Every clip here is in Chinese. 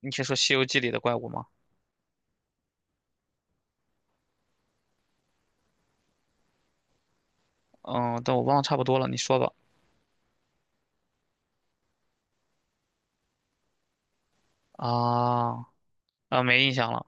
你先说《西游记》里的怪物吗？嗯，但我忘了差不多了，你说吧。啊啊，没印象了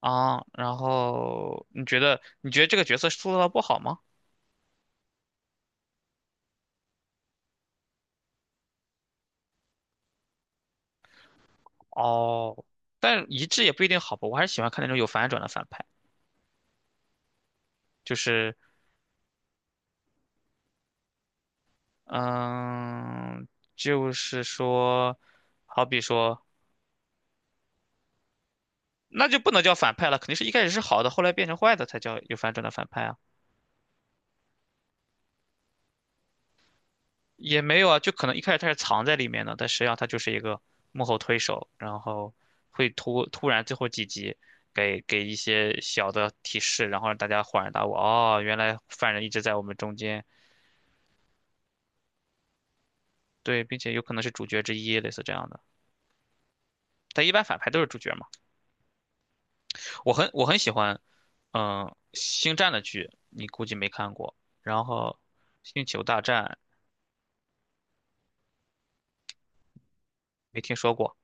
啊。然后你觉得这个角色塑造的不好吗？哦，但一致也不一定好吧。我还是喜欢看那种有反转的反派，就是嗯，就是说，好比说，那就不能叫反派了，肯定是一开始是好的，后来变成坏的才叫有反转的反派啊。也没有啊，就可能一开始他是藏在里面的，但实际上他就是一个幕后推手，然后会突然最后几集给一些小的提示，然后让大家恍然大悟，哦，原来犯人一直在我们中间，对，并且有可能是主角之一，类似这样的。但一般反派都是主角嘛，我很喜欢，嗯，星战的剧，你估计没看过，然后星球大战没听说过。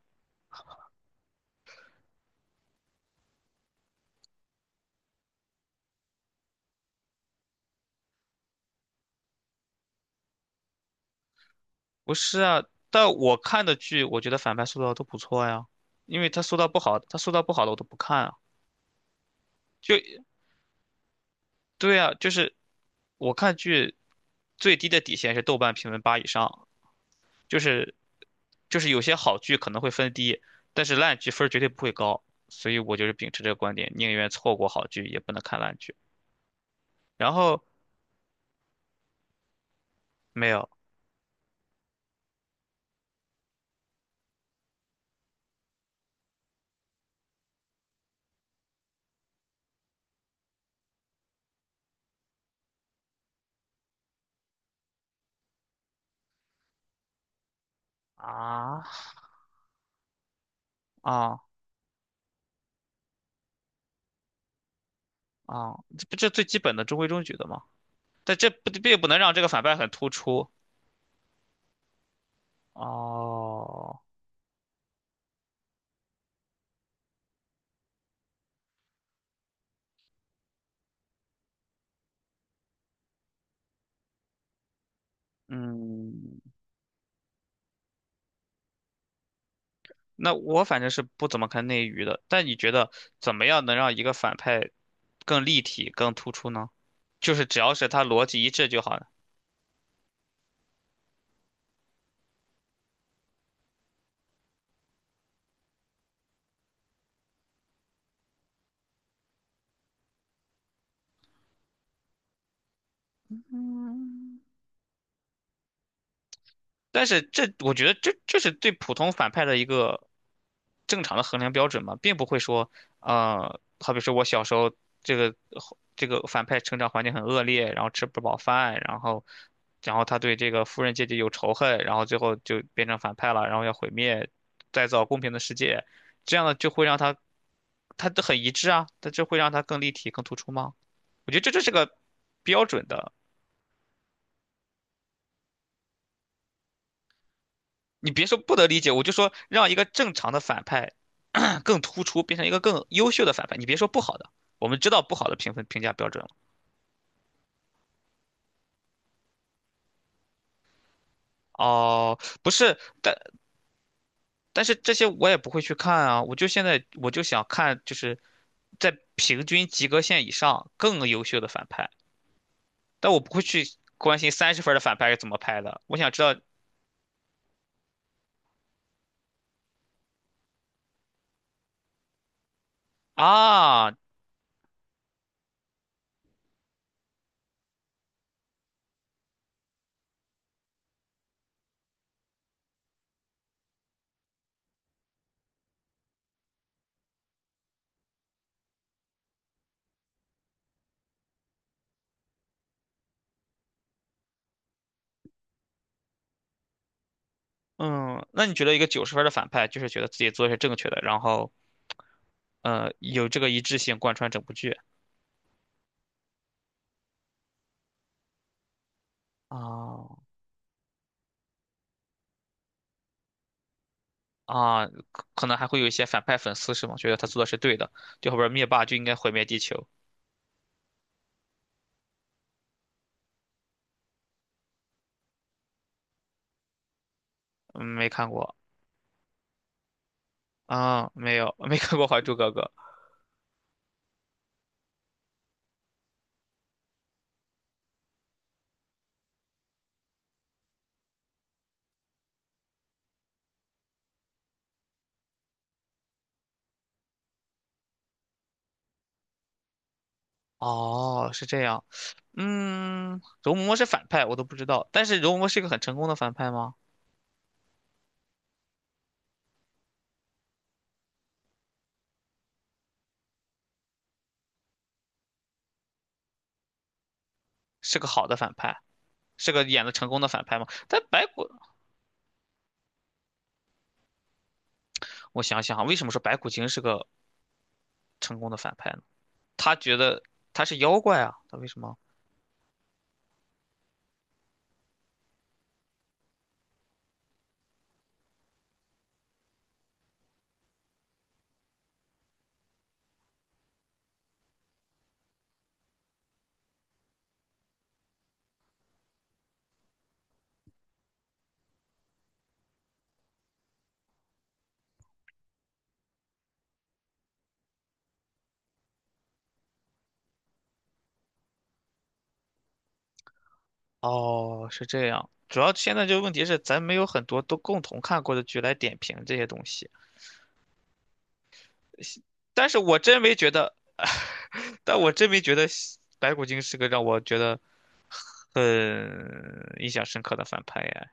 不是啊，但我看的剧，我觉得反派塑造都不错呀，因为他塑造不好，他塑造不好的我都不看啊。就对啊，就是我看剧最低的底线是豆瓣评分八以上，就是就是有些好剧可能会分低，但是烂剧分儿绝对不会高，所以我就是秉持这个观点，宁愿错过好剧也不能看烂剧。然后没有啊啊啊，这不这最基本的中规中矩的吗？但这不并不能让这个反派很突出。哦，嗯，那我反正是不怎么看内娱的，但你觉得怎么样能让一个反派更立体、更突出呢？就是只要是他逻辑一致就好了。嗯。但是我觉得这是对普通反派的一个正常的衡量标准嘛，并不会说，好比说我小时候这个这个反派成长环境很恶劣，然后吃不饱饭，然后他对这个富人阶级有仇恨，然后最后就变成反派了，然后要毁灭，再造公平的世界，这样的就会让他他都很一致啊，但这会让他更立体、更突出吗？我觉得这就是个标准的。你别说不得理解，我就说让一个正常的反派 更突出，变成一个更优秀的反派。你别说不好的，我们知道不好的评分评价标准了。哦，不是，但但是这些我也不会去看啊。我就现在我就想看，就是在平均及格线以上更优秀的反派，但我不会去关心三十分儿的反派是怎么拍的。我想知道啊，嗯，那你觉得一个九十分儿的反派，就是觉得自己做的是正确的，然后有这个一致性贯穿整部剧？哦，啊，可能还会有一些反派粉丝是吗？觉得他做的是对的，就后边灭霸就应该毁灭地球。嗯，没看过啊，没有，没看过《还珠格格》。哦，是这样。嗯，容嬷嬷是反派，我都不知道。但是容嬷嬷是一个很成功的反派吗？是个好的反派，是个演的成功的反派吗？但白骨，我想想啊，为什么说白骨精是个成功的反派呢？他觉得他是妖怪啊，他为什么？哦，是这样。主要现在这个问题是，咱没有很多都共同看过的剧来点评这些东西。但是我真没觉得，但我真没觉得白骨精是个让我觉得很印象深刻的反派耶。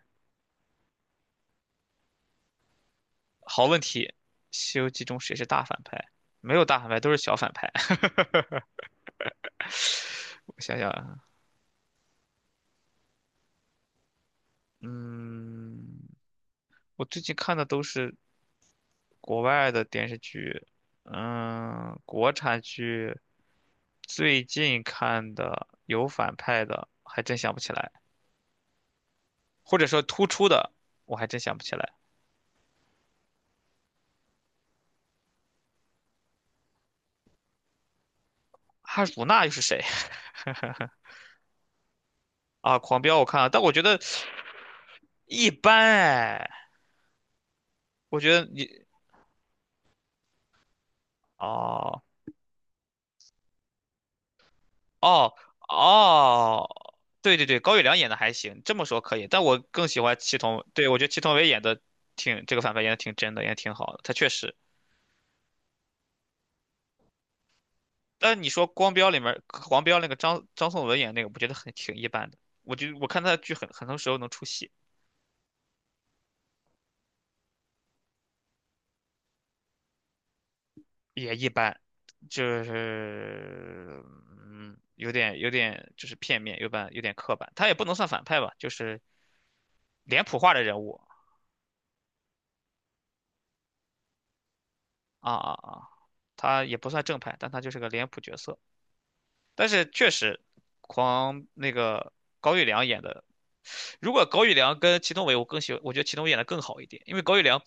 好问题，《西游记》中谁是大反派？没有大反派，都是小反派。我想想啊，嗯，我最近看的都是。国外的电视剧，嗯，国产剧最近看的有反派的，还真想不起来，或者说突出的，我还真想不起来。哈鲁娜又是谁？啊，狂飙我看了，但我觉得一般哎，我觉得你哦哦哦，对对对，高育良演的还行，这么说可以，但我更喜欢祁同，对，我觉得祁同伟演的挺这个反派演的挺真的，演的挺好的，他确实。但你说光标里面黄标那个张颂文演那个，我觉得很挺一般的。我看他的剧很多时候能出戏，也一般，就是嗯，有点就是片面，有点刻板。他也不能算反派吧，就是脸谱化的人物啊啊啊，他也不算正派，但他就是个脸谱角色。但是确实，狂那个高育良演的，如果高育良跟祁同伟，我更喜欢，我觉得祁同伟演的更好一点，因为高育良。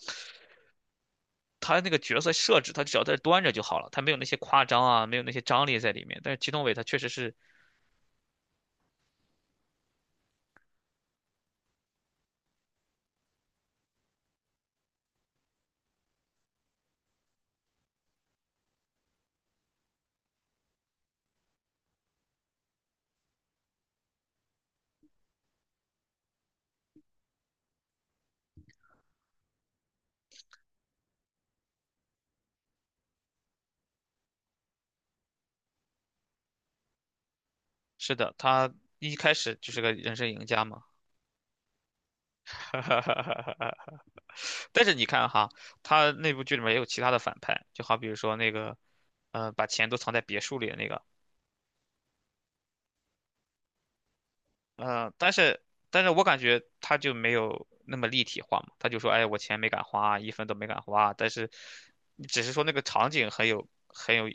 他那个角色设置，他只要在这端着就好了，他没有那些夸张啊，没有那些张力在里面。但是祁同伟他确实是是的，他一开始就是个人生赢家嘛。但是你看哈，他那部剧里面也有其他的反派，就好比如说那个，把钱都藏在别墅里的那个，呃，但是但是我感觉他就没有那么立体化嘛，他就说，哎，我钱没敢花，一分都没敢花，但是只是说那个场景很有，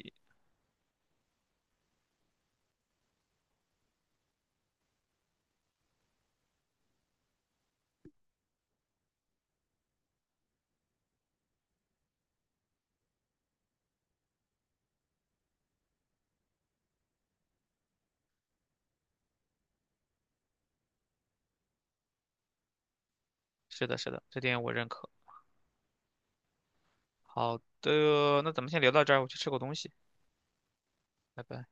是的，是的，这点我认可。好的，那咱们先聊到这儿，我去吃口东西，拜拜。